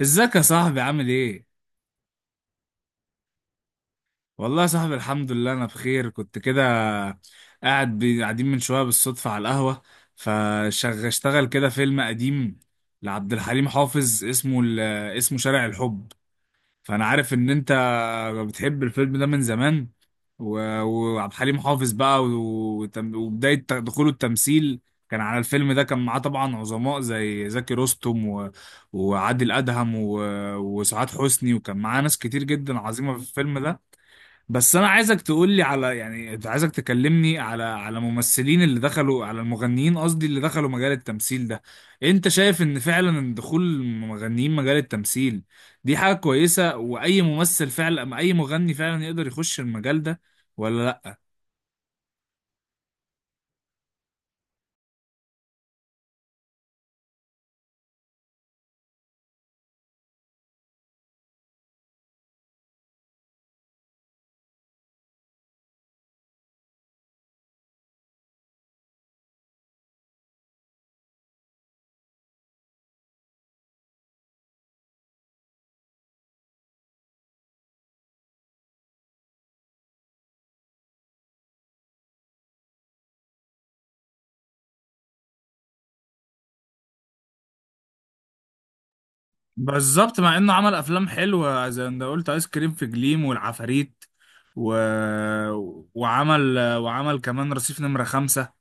ازيك يا صاحبي؟ عامل ايه؟ والله يا صاحبي، الحمد لله انا بخير. كنت كده قاعدين من شويه بالصدفه على القهوه، فاشتغل كده فيلم قديم لعبد الحليم حافظ، اسمه شارع الحب. فانا عارف ان انت بتحب الفيلم ده من زمان. و- وعبد الحليم حافظ بقى، وبداية دخوله التمثيل كان على الفيلم ده. كان معاه طبعا عظماء زي زكي رستم، و... وعادل أدهم، و... وسعاد حسني، وكان معاه ناس كتير جدا عظيمة في الفيلم ده. بس انا عايزك تقول لي على، يعني عايزك تكلمني على ممثلين اللي دخلوا على المغنيين، قصدي اللي دخلوا مجال التمثيل ده. انت شايف ان فعلا دخول المغنيين مجال التمثيل دي حاجة كويسة، واي ممثل فعلا، أما اي مغني فعلا يقدر يخش المجال ده ولا لا؟ بالظبط، مع انه عمل افلام حلوة زي ما انت قلت، ايس كريم في جليم والعفاريت، و... وعمل كمان رصيف نمرة خمسة.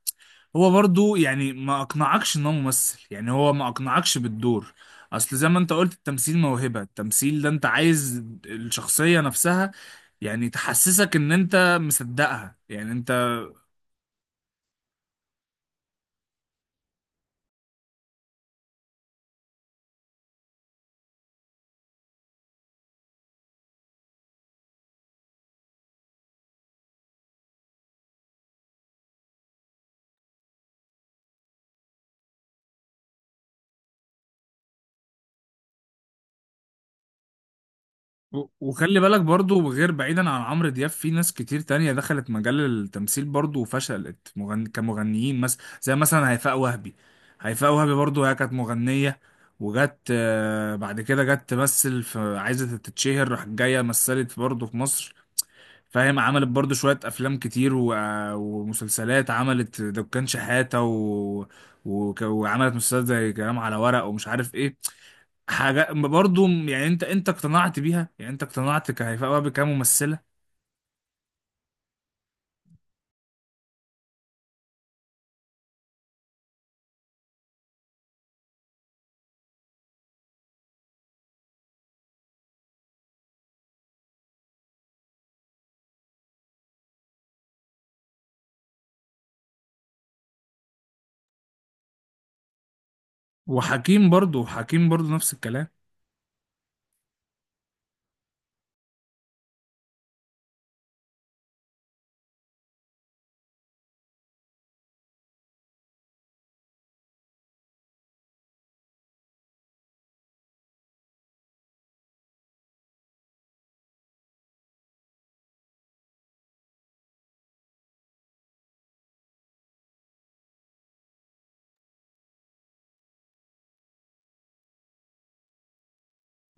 هو برضو يعني ما اقنعكش ان هو ممثل، يعني هو ما اقنعكش بالدور. اصل زي ما انت قلت، التمثيل موهبة. التمثيل ده انت عايز الشخصية نفسها يعني تحسسك ان انت مصدقها، يعني انت. و- وخلي بالك برضو، غير بعيدا عن عمرو دياب في ناس كتير تانية دخلت مجال التمثيل برضو وفشلت، كمغنيين مثلا، زي مثلا هيفاء وهبي. هيفاء وهبي برضو هي كانت مغنية وجت، بعد كده جت تمثل في، عايزة تتشهر، راحت جاية مثلت برضو في مصر، فاهم، عملت برضو شوية أفلام كتير، و... ومسلسلات. عملت دكان شحاتة، و... وعملت مسلسلات زي كلام على ورق ومش عارف إيه. حاجة برضو يعني، أنت اقتنعت بيها؟ يعني أنت اقتنعت كهيفاء وهبي كممثلة؟ وحكيم برضو، حكيم برضو نفس الكلام.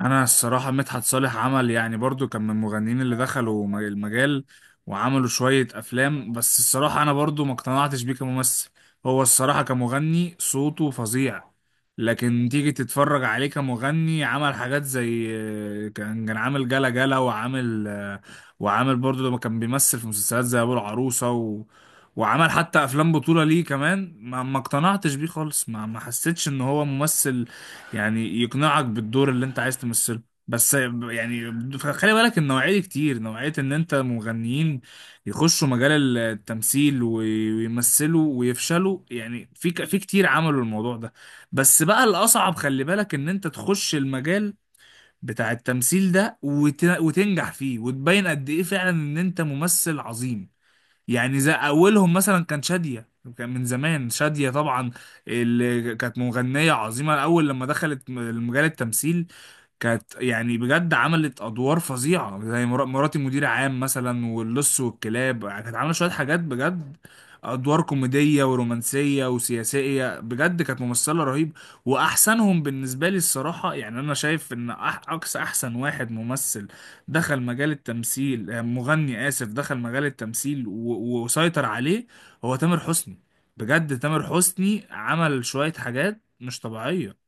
انا الصراحه مدحت صالح عمل يعني برضو، كان من المغنيين اللي دخلوا المجال وعملوا شويه افلام، بس الصراحه انا برضو ما اقتنعتش بيه كممثل. هو الصراحه كمغني صوته فظيع، لكن تيجي تتفرج عليه كمغني عمل حاجات زي، كان كان عامل جلا جلا، وعامل برضو لما كان بيمثل في مسلسلات زي ابو العروسه، و... وعمل حتى افلام بطوله ليه كمان. ما اقتنعتش بيه خالص، ما حسيتش ان هو ممثل يعني يقنعك بالدور اللي انت عايز تمثله. بس يعني خلي بالك، النوعية دي كتير، نوعية ان انت مغنيين يخشوا مجال التمثيل وي- ويمثلوا ويفشلوا، يعني في كتير عملوا الموضوع ده. بس بقى الأصعب خلي بالك ان انت تخش المجال بتاع التمثيل ده وت- وتنجح فيه وتبين قد ايه فعلا ان انت ممثل عظيم. يعني زي اولهم مثلا كان شادية، كان من زمان شادية طبعا، اللي كانت مغنية عظيمة الاول. لما دخلت مجال التمثيل كانت يعني بجد عملت ادوار فظيعة زي مراتي مدير عام مثلا، واللص والكلاب. كانت عاملة شوية حاجات بجد، ادوار كوميدية ورومانسية وسياسية، بجد كانت ممثلة رهيب. واحسنهم بالنسبة لي الصراحة، يعني انا شايف ان اقصى احسن واحد ممثل دخل مجال التمثيل، مغني آسف، دخل مجال التمثيل و- وسيطر عليه هو تامر حسني. بجد تامر حسني عمل شوية حاجات مش طبيعية.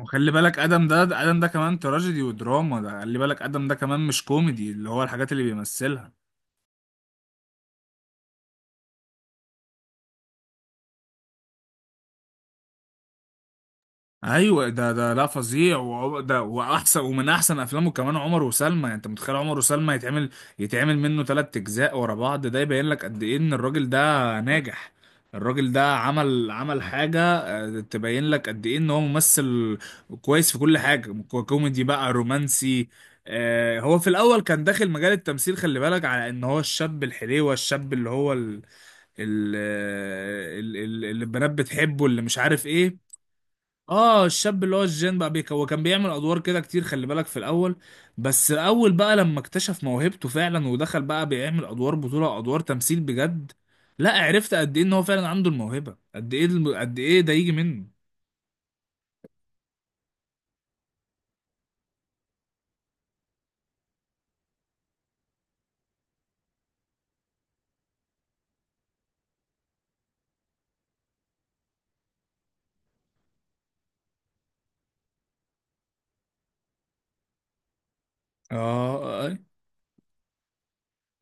وخلي بالك آدم ده، آدم ده كمان تراجيدي ودراما. ده خلي بالك آدم ده كمان مش كوميدي اللي هو الحاجات اللي بيمثلها. ايوه، ده ده لا فظيع، ده واحسن، ومن احسن افلامه كمان عمر وسلمى. يعني انت متخيل عمر وسلمى يتعمل منه ثلاث اجزاء ورا بعض؟ ده يبين لك قد ايه ان الراجل ده ناجح. الراجل ده عمل حاجة، تبين لك قد ايه ان هو ممثل كويس في كل حاجة، كوميدي بقى، رومانسي. آه، هو في الاول كان داخل مجال التمثيل، خلي بالك، على ان هو الشاب الحليوة، الشاب اللي هو ال- آه، ال- اللي البنات بتحبه، اللي مش عارف ايه. اه، الشاب اللي هو الجين بقى بيك، هو كان بيعمل ادوار كده كتير خلي بالك في الاول. بس الاول بقى لما اكتشف موهبته فعلا ودخل بقى بيعمل ادوار بطولة، ادوار تمثيل بجد، لا عرفت قد ايه ان هو فعلا عنده الموهبة، قد ايه، قد ايه ده يجي منه. اه. آه.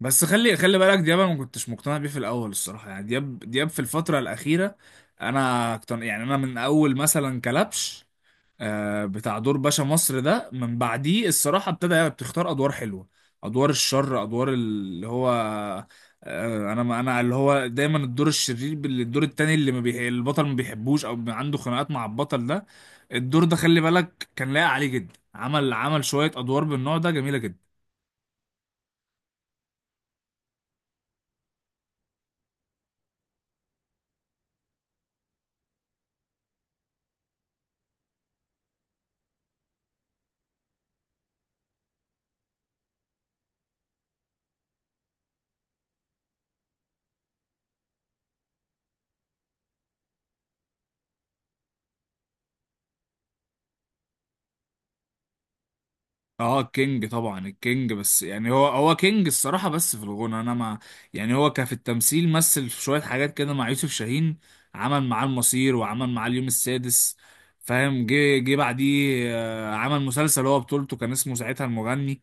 بس خلي بالك دياب، انا ما كنتش مقتنع بيه في الاول الصراحة. يعني دياب، في الفترة الاخيرة انا اقتنع، يعني من اول مثلا كلبش، بتاع دور باشا مصر ده. من بعديه الصراحة ابتدى بتختار أدوار حلوة، أدوار الشر، أدوار اللي هو، أنا اللي هو دايما الدور الشرير، الدور التاني اللي ما بيح... البطل ما بيحبوش، أو عنده خناقات مع البطل ده. الدور ده خلي بالك كان لايق عليه جدا، عمل شوية أدوار بالنوع ده جميلة جدا. اه، كينج طبعا الكينج، بس يعني هو كينج الصراحة بس في الغنى. انا مع، يعني هو كان في التمثيل مثل في شوية حاجات كده مع يوسف شاهين، عمل معاه المصير وعمل معاه اليوم السادس، فاهم. جه بعديه، عمل مسلسل هو بطولته كان اسمه ساعتها المغني.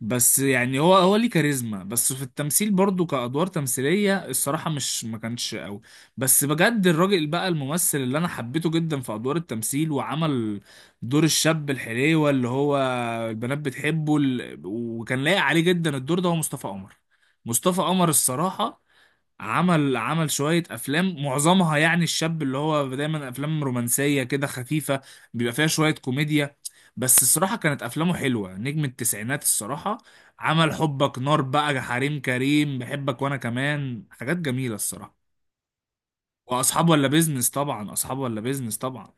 بس يعني هو ليه كاريزما، بس في التمثيل برضو كأدوار تمثيلية الصراحة مش، ما كانش قوي. بس بجد الراجل بقى الممثل اللي انا حبيته جدا في أدوار التمثيل، وعمل دور الشاب الحليوة اللي هو البنات بتحبه، وكان لايق عليه جدا الدور ده، هو مصطفى قمر. مصطفى قمر الصراحة عمل شوية أفلام، معظمها يعني الشاب اللي هو دايما أفلام رومانسية كده خفيفة بيبقى فيها شوية كوميديا. بس الصراحة كانت أفلامه حلوة، نجم التسعينات الصراحة. عمل حبك نار بقى، حريم كريم، بحبك وأنا كمان، حاجات جميلة الصراحة. وأصحاب ولا بيزنس طبعا،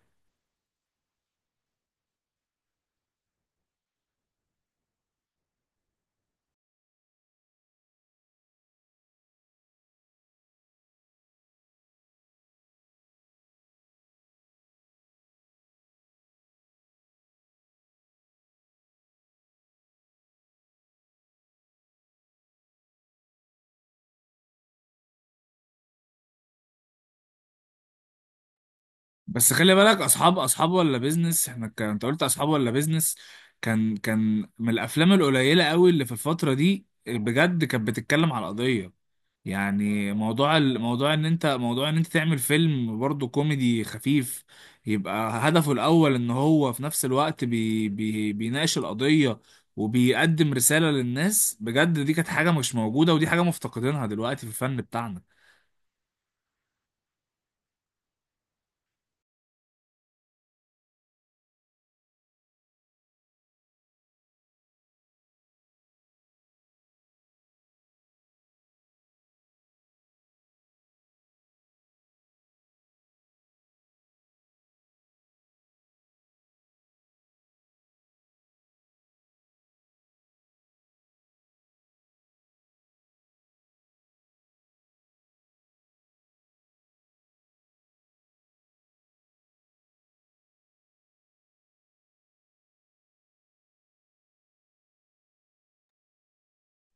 بس خلي بالك أصحاب، أصحاب ولا بيزنس إحنا كان أنت قلت أصحاب ولا بيزنس كان كان من الأفلام القليلة قوي اللي في الفترة دي بجد كانت بتتكلم على القضية. يعني الموضوع ان انت، موضوع ان انت تعمل فيلم برضه كوميدي خفيف، يبقى هدفه الاول ان هو في نفس الوقت بي بي بيناقش القضية وبيقدم رسالة للناس بجد. دي كانت حاجة مش موجودة، ودي حاجة مفتقدينها دلوقتي في الفن بتاعنا.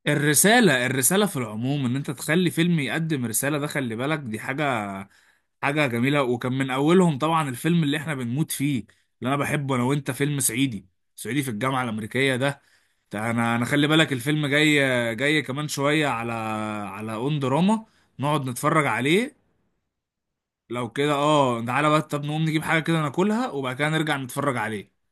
الرسالة، في العموم ان انت تخلي فيلم يقدم رسالة، ده خلي بالك دي حاجة جميلة. وكان من أولهم طبعا الفيلم اللي إحنا بنموت فيه، اللي أنا بحبه أنا وأنت، فيلم صعيدي، في الجامعة الأمريكية ده. ده أنا خلي بالك الفيلم جاي، كمان شوية على على أون دراما، نقعد نتفرج عليه. لو كده أه، تعالى بقى طب نقوم نجيب حاجة كده ناكلها وبعد كده نرجع نتفرج عليه.